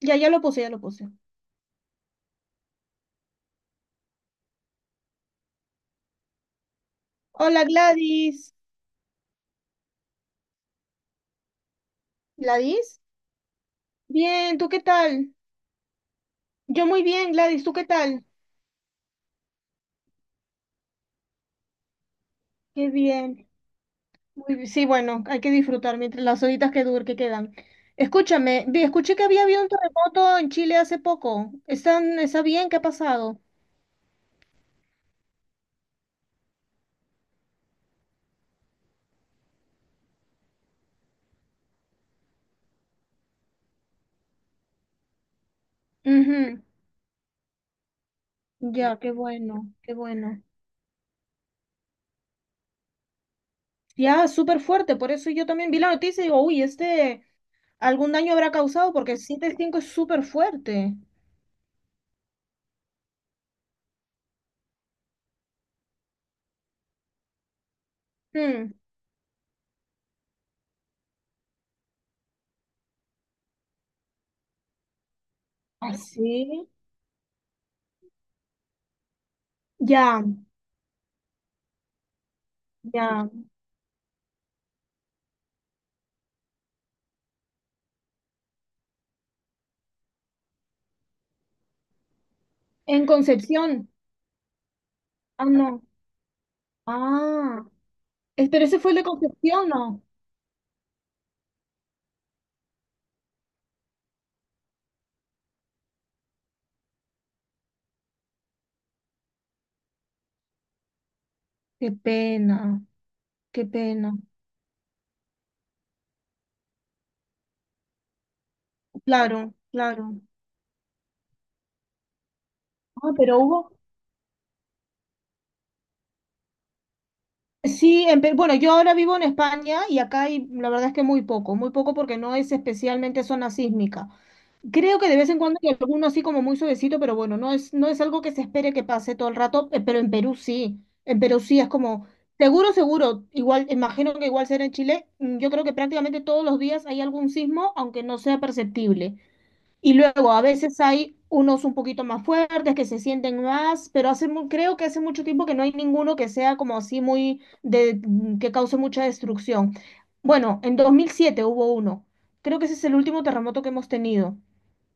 Ya, ya lo puse, ya lo puse. Hola, Gladys. ¿Gladys? Bien, ¿tú qué tal? Yo muy bien, Gladys, ¿tú qué tal? Qué bien. Sí, bueno, hay que disfrutar mientras las horitas que quedan. Escúchame, escuché que había habido un terremoto en Chile hace poco. ¿Está bien? ¿Qué ha pasado? Ujú. Ya, qué bueno, qué bueno. Ya, súper fuerte, por eso yo también vi la noticia y digo, uy, algún daño habrá causado porque el siete punto cinco es súper fuerte. Mm. ¿Ah, sí? Ya. Ya. En Concepción. Ah, no. Ah. Pero ese fue el de Concepción, ¿no? Qué pena, qué pena. Claro, claro. Ah, pero hubo. Sí, bueno, yo ahora vivo en España y acá hay, la verdad es que muy poco porque no es especialmente zona sísmica. Creo que de vez en cuando hay alguno así como muy suavecito, pero bueno, no es algo que se espere que pase todo el rato, pero en Perú sí, en Perú sí es como, seguro, seguro, igual, imagino que igual será en Chile, mm, yo creo que prácticamente todos los días hay algún sismo, aunque no sea perceptible. Y luego a veces hay unos un poquito más fuertes que se sienten más, pero creo que hace mucho tiempo que no hay ninguno que sea como así mm, que cause mucha destrucción. Bueno, en 2007 hubo uno. Creo que ese es el último terremoto que hemos tenido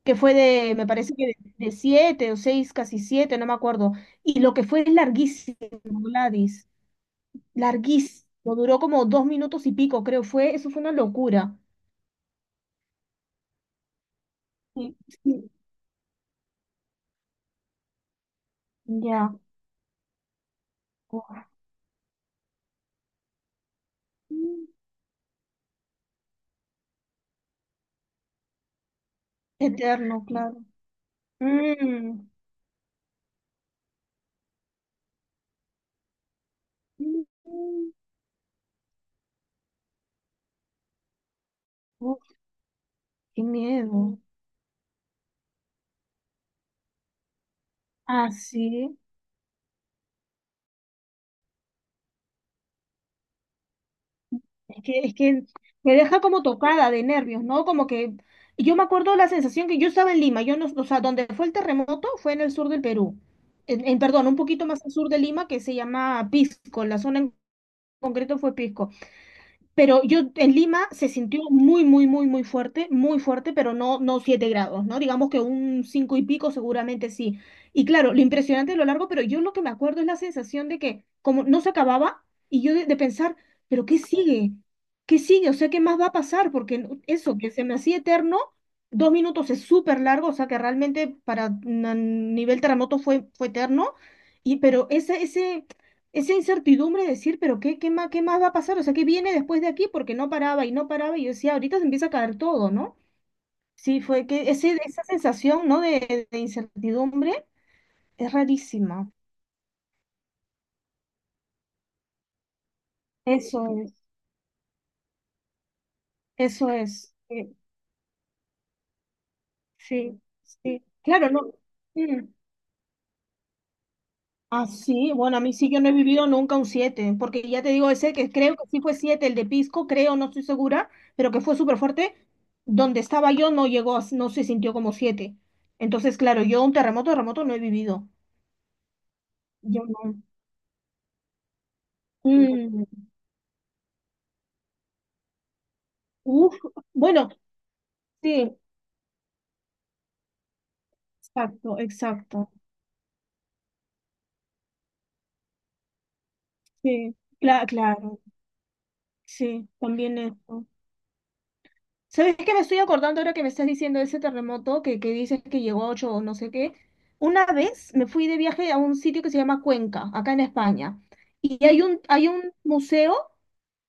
que me parece que de siete o seis, casi siete, no me acuerdo. Y lo que fue es larguísimo, Gladys, larguísimo, duró como dos minutos y pico, creo, eso fue una locura. Sí, sí, ya. Mm, eterno, claro. Mm, mm, mm. Uf, qué miedo. Ah, sí. Es que me deja como tocada de nervios, ¿no? Como que yo me acuerdo la sensación que yo estaba en Lima, yo no, o sea, donde fue el terremoto fue en el sur del Perú, perdón, un poquito más al sur de Lima que se llama Pisco, la zona en concreto fue Pisco. Pero yo en Lima se sintió muy, muy, muy, muy fuerte, pero no, no 7 grados, ¿no? Digamos que un 5 y pico seguramente sí. Y claro, lo impresionante de lo largo, pero yo lo que me acuerdo es la sensación de que como no se acababa y yo de pensar, pero ¿qué sigue? ¿Qué sigue? O sea, ¿qué más va a pasar? Porque no- eso, que se me hacía eterno, dos minutos es súper largo, o sea que realmente nivel terremoto fue, fue eterno, y, pero ese esa incertidumbre de decir, pero qué, qué más va a pasar, o sea, qué viene después de aquí, porque no paraba y no paraba, y yo decía, ahorita se empieza a caer todo, ¿no? Sí, fue que esa sensación, ¿no? De incertidumbre es rarísima. Eso es, eso es. Sí, sí. Claro, no. Mm. Ah, sí, bueno, a mí sí que no he vivido nunca un siete, porque ya te digo, ese que creo que sí fue 7 el de Pisco, creo, no estoy segura, pero que fue súper fuerte, donde estaba yo no llegó, no se sintió como 7. Entonces, claro, yo un terremoto, terremoto no he vivido. Yo no. Mm, uf, bueno, sí, exacto, exacto. Sí, claro, sí, también eso. ¿Sabes qué me estoy acordando ahora que me estás diciendo ese terremoto que dices que llegó a 8 o no sé qué? Una vez me fui de viaje a un sitio que se llama Cuenca, acá en España, y hay un museo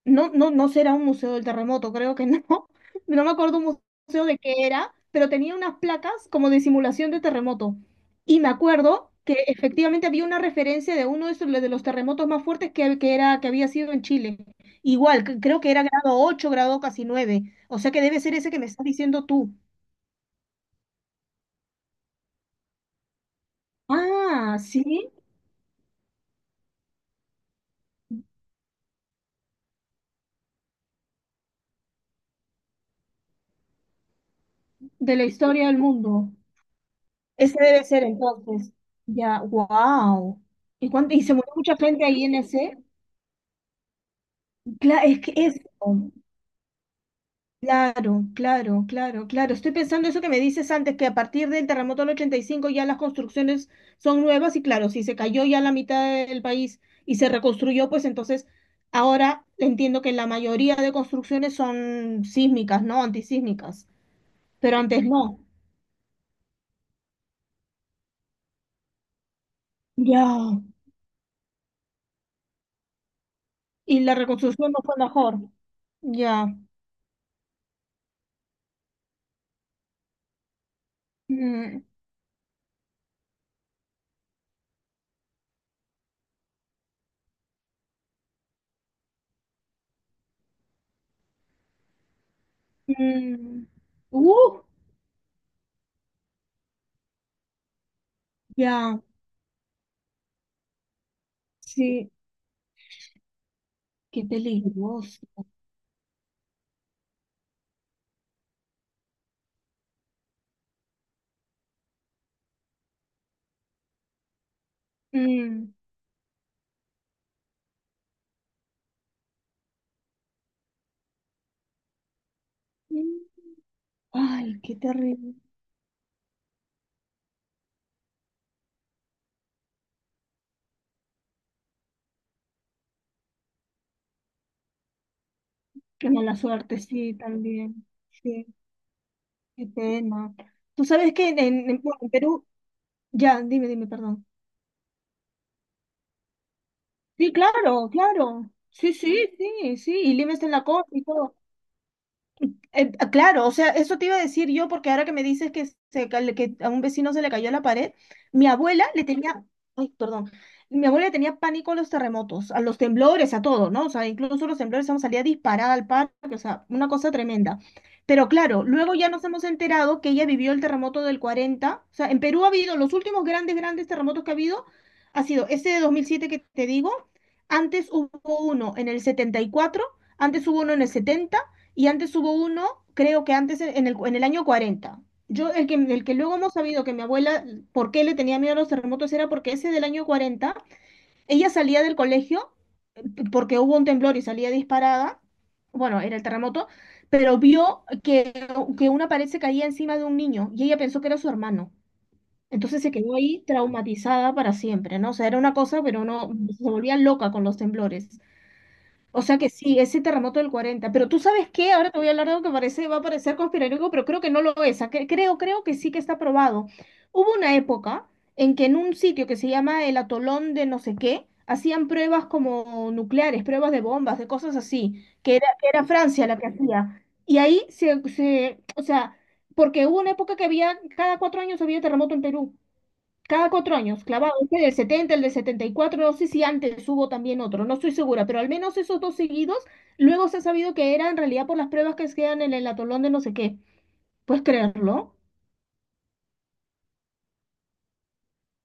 no, no, no será un museo del terremoto, creo que no. No me acuerdo un museo de qué era, pero tenía unas placas como de simulación de terremoto. Y me acuerdo que efectivamente había una referencia de uno de, esos, de los terremotos más fuertes que era, que había sido en Chile. Igual, creo que era grado 8 grado casi nueve. O sea que debe ser ese que me estás diciendo tú. Ah, sí, de la historia del mundo. Ese debe ser entonces. Ya, wow. ¿Y cuánto, y se murió mucha gente ahí en ese? Cla- es que es oh, claro, claro, claro, claro. Estoy pensando eso que me dices antes, que a partir del terremoto del 85 ya las construcciones son nuevas y claro, si se cayó ya la mitad del país y se reconstruyó, pues entonces ahora entiendo que la mayoría de construcciones son sísmicas, ¿no? Antisísmicas, pero antes no. Ya. Y la reconstrucción no fue mejor. Ya. Mm, mm. Uh, ya. Sí, qué peligroso. Mm. Mm. Ay, qué terrible. Qué mala suerte, sí, también. Sí, qué pena. Tú sabes que bueno, en Perú, ya, dime, dime, perdón. Sí, claro, claro. Sí, sí, sí, sí. Y Lima está en la costa y todo. Ah, claro, o sea, eso te iba a decir yo, porque ahora que me dices que, que a un vecino se le cayó la pared, mi abuela le tenía, ay, perdón, mi abuela le tenía pánico a los terremotos, a los temblores, a todo, ¿no? O sea, incluso los temblores, vamos, salía disparada al parque, o sea, una cosa tremenda. Pero claro, luego ya nos hemos enterado que ella vivió el terremoto del cuarenta. O sea, en Perú ha habido, los últimos grandes, grandes terremotos que ha habido, ha sido ese de 2007 que te digo, antes hubo uno en el setenta y cuatro, antes hubo uno en el 70 y antes hubo uno, creo que antes en el año cuarenta. Yo, el que luego hemos sabido que mi abuela, por qué le tenía miedo a los terremotos, era porque ese del año 40 ella salía del colegio porque hubo un temblor y salía disparada, bueno, era el terremoto, pero vio que una pared se caía encima de un niño y ella pensó que era su hermano. Entonces se quedó ahí traumatizada para siempre, ¿no? O sea, era una cosa, pero no, se volvía loca con los temblores. O sea que sí, ese terremoto del 40. Pero tú sabes qué, ahora te voy a hablar de algo que parece, va a parecer conspiranoico, pero creo que no lo es. Ah, creo, creo que sí que está probado. Hubo una época en que en un sitio que se llama el atolón de no sé qué, hacían pruebas como nucleares, pruebas de bombas, de cosas así, que era Francia la que hacía. Y ahí o sea, porque hubo una época que había, cada cuatro años había terremoto en Perú. Cada cuatro años, clavado, este del 70 el del 74, no sé si antes hubo también otro, no estoy segura, pero al menos esos dos seguidos, luego se ha sabido que era en realidad por las pruebas que quedan en el atolón de no sé qué. ¿Puedes creerlo?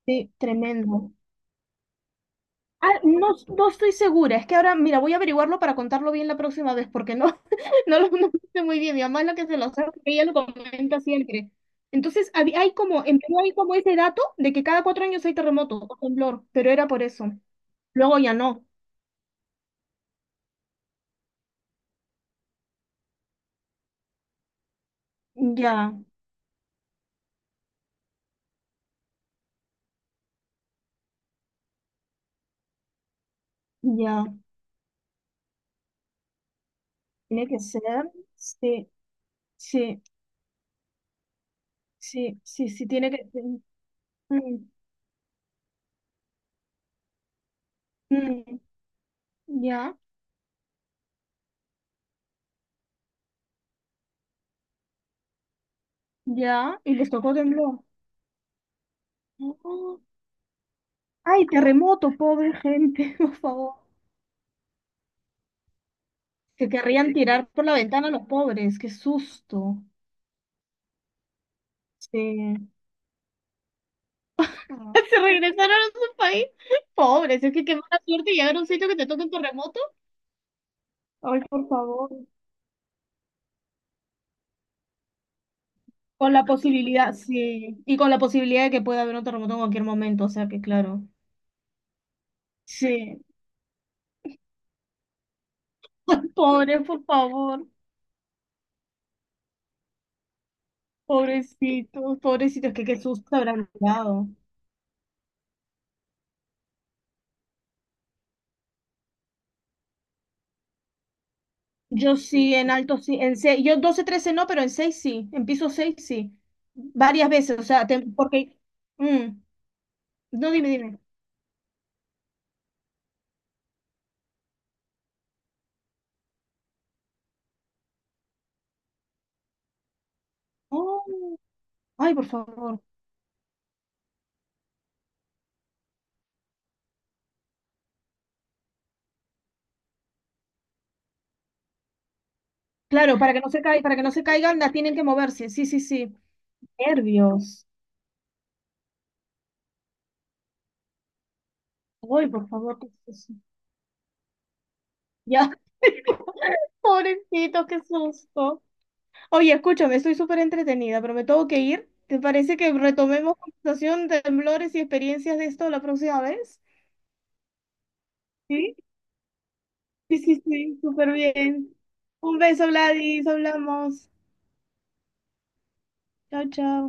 Sí, tremendo. Ah, no, no estoy segura, es que ahora, mira, voy a averiguarlo para contarlo bien la próxima vez, porque no, no lo sé muy bien, mi mamá es la que se lo sabe, ella lo comenta siempre. Entonces, hay como, en Perú hay como ese dato de que cada cuatro años hay terremoto o temblor, pero era por eso. Luego ya no, ya. Ya, tiene que ser. Sí, sí, sí, sí, sí, tiene que ser. Mm, mm, ya, ya. Y les tocó temblor. Oh, ay, terremoto, pobre gente, por favor. Se querrían tirar por la ventana los pobres, qué susto. Sí. Ah, se regresaron a su país. Pobres, es que qué mala suerte llegar a un sitio que te toque un terremoto. Ay, por favor. Con la posibilidad, sí. Y con la posibilidad de que pueda haber un terremoto en cualquier momento, o sea que claro. Sí, ay, pobre, por favor. Pobrecitos, pobrecitos, que qué susto habrán dado. Yo sí, en alto sí, en seis, yo 12 13 no, pero en 6 sí, en piso 6 sí. Varias veces, o sea, te- porque... mm, no, dime, dime. Oh, ay, por favor. Claro, para que no se caiga para que no se caigan, la tienen que moverse. Sí, sí, sí. Nervios. Ay, por favor, qué susto. Ya, pobrecitos, qué susto. Oye, escúchame, estoy súper entretenida, pero me tengo que ir. ¿Te parece que retomemos conversación de temblores y experiencias de esto la próxima vez? Sí, sí, sí, sí, súper bien. Un beso, Gladys, hablamos. Chao, chao.